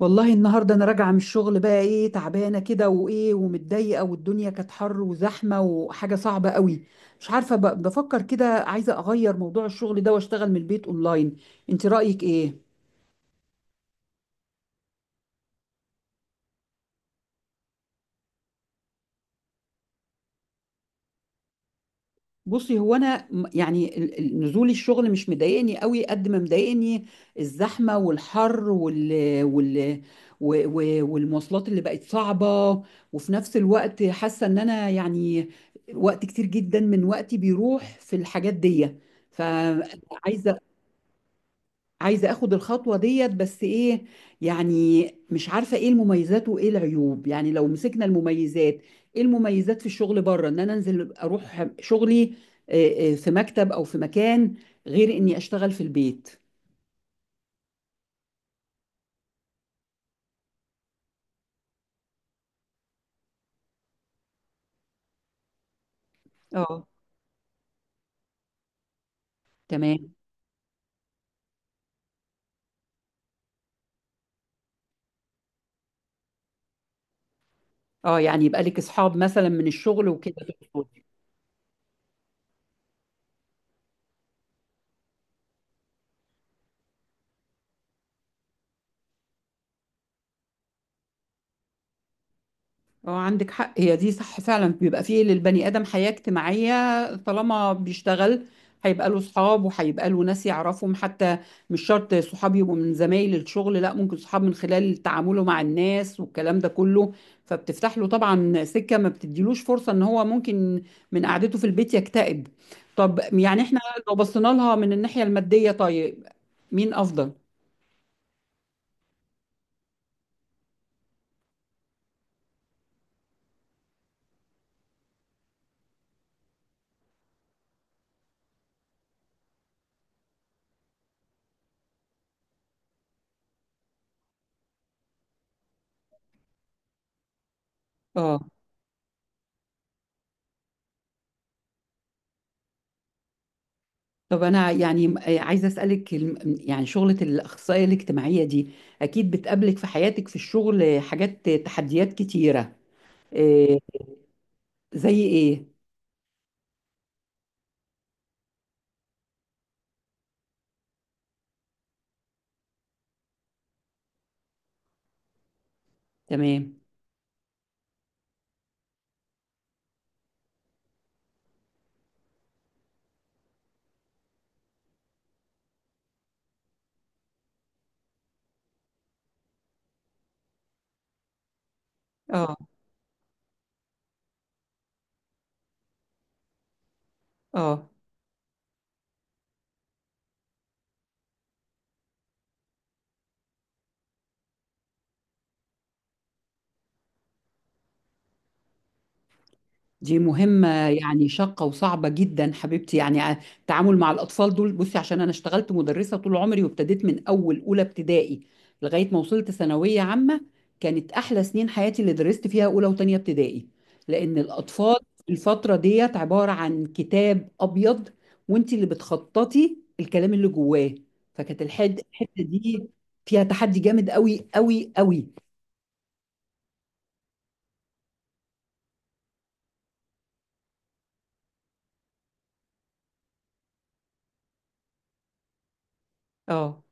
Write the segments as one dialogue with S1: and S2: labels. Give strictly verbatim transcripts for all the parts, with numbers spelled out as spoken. S1: والله النهارده انا راجعه من الشغل، بقى ايه، تعبانه كده وايه ومتضايقه، والدنيا كانت حر وزحمه وحاجه صعبه قوي. مش عارفه، ب- بفكر كده، عايزه اغير موضوع الشغل ده واشتغل من البيت اونلاين. انت رايك ايه؟ بصي، هو انا م- يعني ال- ال- نزول الشغل مش مضايقني قوي قد ما مضايقني الزحمه والحر وال وال و- و- والمواصلات اللي بقت صعبه. وفي نفس الوقت حاسه ان انا، يعني، وقت كتير جدا من وقتي بيروح في الحاجات دي. مم. فعايزه عايزة اخد الخطوة ديت، بس ايه، يعني مش عارفة ايه المميزات وايه العيوب. يعني لو مسكنا المميزات، ايه المميزات في الشغل بره، ان انا انزل اروح شغلي آه، آه، في مكتب او في مكان، غير اني اشتغل في البيت. اه، تمام. اه، يعني يبقى لك اصحاب مثلا من الشغل وكده. اه، عندك حق، هي دي صح فعلا، بيبقى فيه للبني ادم حياة اجتماعية طالما بيشتغل، هيبقى له صحاب وهيبقى له ناس يعرفهم، حتى مش شرط صحاب يبقوا من زمايل الشغل، لا ممكن صحاب من خلال تعامله مع الناس والكلام ده كله. فبتفتح له طبعا سكة، ما بتديلوش فرصة ان هو ممكن من قعدته في البيت يكتئب. طب يعني احنا لو بصينا لها من الناحية المادية، طيب مين افضل؟ اه، طب أنا يعني عايزة أسألك، الم- يعني شغلة الأخصائية الاجتماعية دي أكيد بتقابلك في حياتك في الشغل حاجات، تحديات كتيرة، إيه، زي إيه؟ تمام. اه، اه. دي مهمة يعني شاقة وصعبة جدا حبيبتي، يعني ع- التعامل مع الأطفال دول. بصي، عشان أنا اشتغلت مدرسة طول عمري، وابتديت من أول أولى ابتدائي لغاية ما وصلت ثانوية عامة. كانت أحلى سنين حياتي اللي درست فيها أولى وتانية ابتدائي، لأن الأطفال في الفترة ديت عبارة عن كتاب أبيض، وأنت اللي بتخططي الكلام اللي جواه. فكانت الحد- الحتة دي فيها تحدي جامد قوي قوي قوي. اه،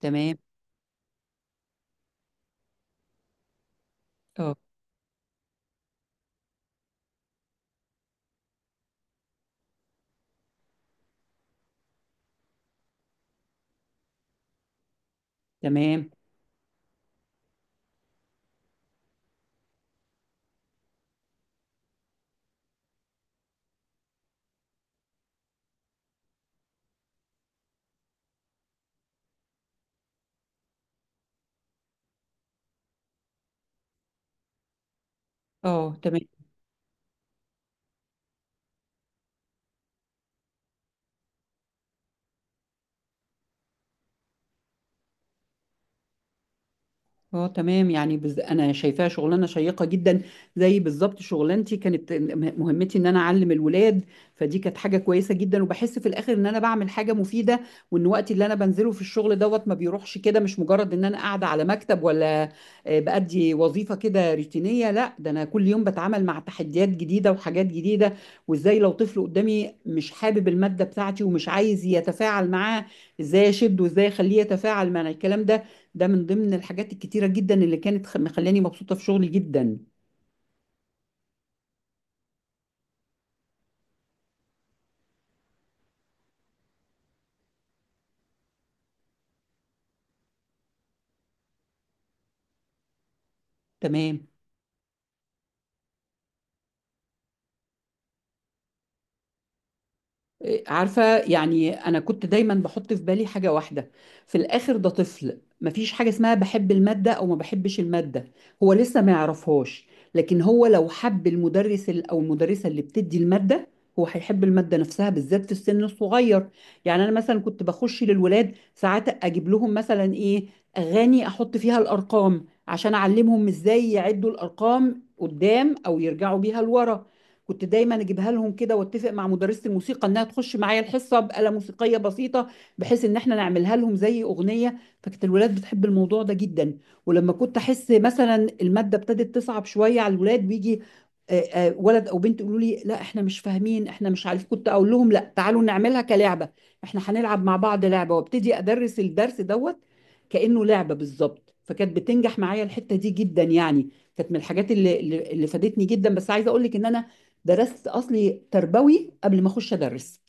S1: تمام. اه، تمام. اه، تمام. اه، تمام. يعني بز... انا شايفاها شغلانه شيقه جدا، زي بالظبط شغلانتي. كانت م- مهمتي ان انا اعلم الولاد، فدي كانت حاجه كويسه جدا، وبحس في الاخر ان انا بعمل حاجه مفيده، وان وقتي اللي انا بنزله في الشغل دوت ما بيروحش كده، مش مجرد ان انا قاعده على مكتب ولا آه، بأدي وظيفه كده روتينيه، لا ده انا كل يوم بتعامل مع تحديات جديده وحاجات جديده. وازاي لو طفل قدامي مش حابب الماده بتاعتي ومش عايز يتفاعل معاه، ازاي اشده وازاي اخليه يتفاعل مع الكلام ده. ده من ضمن الحاجات الكتيرة جدا اللي كانت خ- مخلاني مبسوطة في شغلي جدا. تمام. عارفة، يعني أنا كنت دايما بحط في بالي حاجة واحدة. في الآخر ده طفل، مفيش حاجة اسمها بحب المادة أو ما بحبش المادة، هو لسه ما يعرفهاش. لكن هو لو حب المدرس ال- أو المدرسة اللي بتدي المادة، هو هيحب المادة نفسها، بالذات في السن الصغير. يعني أنا مثلا كنت بخش للولاد ساعات أجيب لهم مثلا إيه، أغاني أحط فيها الأرقام، عشان أعلمهم إزاي يعدوا الأرقام قدام أو يرجعوا بيها لورا. كنت دايما اجيبها لهم كده، واتفق مع مدرسة الموسيقى انها تخش معايا الحصة بآلة موسيقية بسيطة، بحيث ان احنا نعملها لهم زي اغنية. فكانت الولاد بتحب الموضوع ده جدا. ولما كنت احس مثلا المادة ابتدت تصعب شوية على الولاد، ويجي آه، آه، ولد او بنت يقولوا لي لا احنا مش فاهمين، احنا مش عارف، كنت اقول لهم لا تعالوا نعملها كلعبة، احنا هنلعب مع بعض لعبة، وابتدي ادرس الدرس دوت كأنه لعبة بالظبط. فكانت بتنجح معايا الحتة دي جدا، يعني كانت من الحاجات اللي اللي اللي فادتني جدا. بس عايزة اقول لك ان انا درست اصلي تربوي قبل ما اخش ادرس.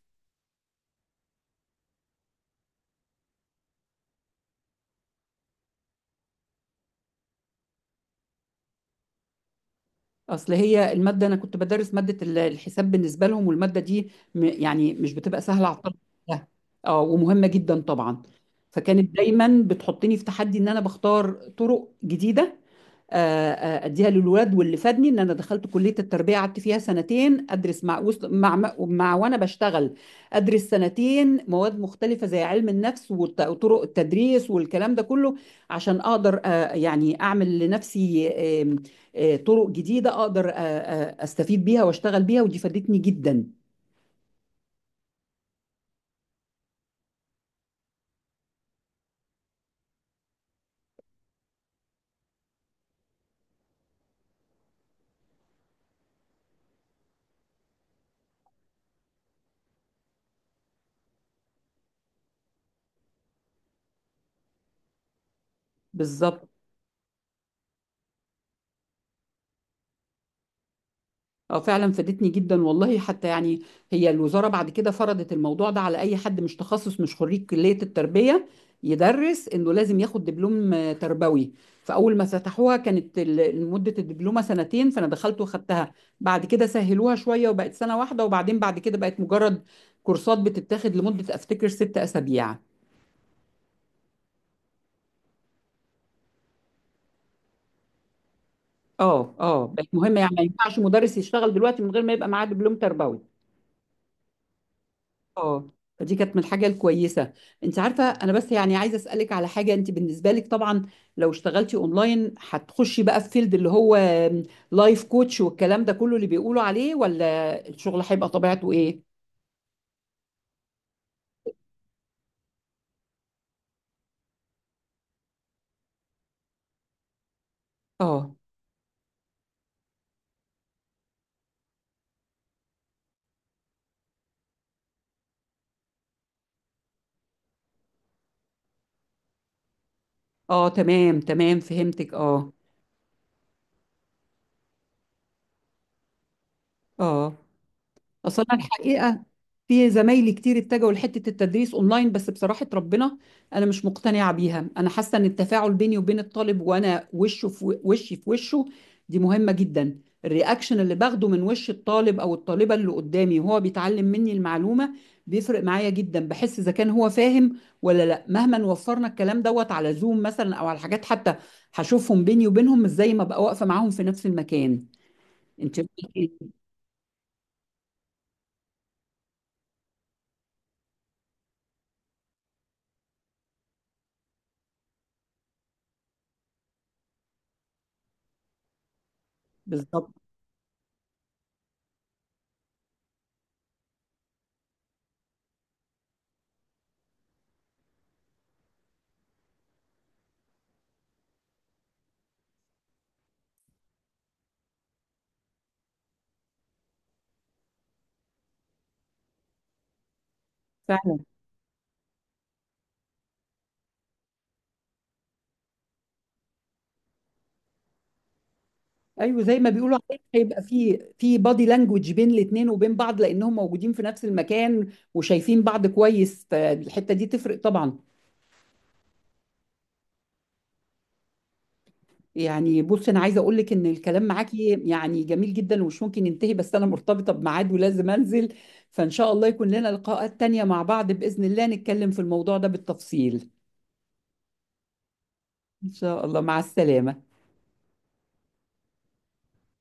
S1: اصل هي الماده، انا كنت بدرس ماده ال- الحساب بالنسبه لهم، والماده دي م- يعني مش بتبقى سهله على الطلبه كلها. اه، ومهمه جدا طبعا. فكانت دايما بتحطني في تحدي ان انا بختار طرق جديده آه، آه، اديها للولاد. واللي فادني ان انا دخلت كليه التربيه، قعدت فيها سنتين ادرس مع وسط- مع مع مع- وانا بشتغل. ادرس سنتين مواد مختلفه زي علم النفس والط- وطرق التدريس والكلام ده كله، عشان اقدر آه، يعني اعمل لنفسي آم، آه، طرق جديده، اقدر آه، آه، استفيد بيها واشتغل بيها، ودي فادتني جدا. بالظبط. اه فعلا فادتني جدا والله، حتى يعني هي الوزارة بعد كده فرضت الموضوع ده على اي حد مش تخصص، مش خريج كلية التربية، يدرس انه لازم ياخد دبلوم آه، تربوي. فاول ما فتحوها كانت ال- مدة الدبلومة سنتين، فانا دخلت واخدتها. بعد كده سهلوها شوية وبقت سنة واحدة، وبعدين بعد كده بقت مجرد كورسات بتتاخد لمدة افتكر ست اسابيع. اه، اه، بقت مهمة، يعني ما ينفعش مدرس يشتغل دلوقتي من غير ما يبقى معاه دبلوم تربوي. اه، فدي كانت من الحاجه الكويسه. انت عارفه، انا بس يعني عايزه اسالك على حاجه، انت بالنسبه لك طبعا لو اشتغلتي اونلاين، هتخشي بقى في فيلد اللي هو لايف كوتش والكلام ده كله اللي بيقولوا عليه، ولا الشغل هيبقى طبيعته ايه؟ اه، اه، تمام، تمام، فهمتك، اه، اه. اصل انا الحقيقه في زمايلي كتير اتجهوا لحته التدريس اونلاين، بس بصراحه ربنا، انا مش مقتنعه بيها. انا حاسه ان التفاعل بيني وبين الطالب، وانا وشه في و- وشي في وشه، دي مهمه جدا. الرياكشن اللي باخده من وش الطالب او الطالبه اللي قدامي وهو بيتعلم مني المعلومه بيفرق معايا جدا، بحس اذا كان هو فاهم ولا لا. مهما وفرنا الكلام دوت على زوم مثلا او على حاجات، حتى هشوفهم بيني وبينهم، مش زي ما بقى واقفه معاهم في نفس المكان. انت رأيك إيه؟ بالظبط. ايوه، زي ما بيقولوا عليه، هيبقى في في بادي لانجوج بين الاثنين وبين بعض، لانهم موجودين في نفس المكان وشايفين بعض كويس، فالحته دي تفرق طبعا. يعني بص، انا عايزه اقول لك ان الكلام معاكي يعني جميل جدا ومش ممكن ينتهي، بس انا مرتبطه بميعاد ولازم انزل، فان شاء الله يكون لنا لقاءات تانية مع بعض، باذن الله نتكلم في الموضوع ده بالتفصيل. ان شاء الله، مع السلامه.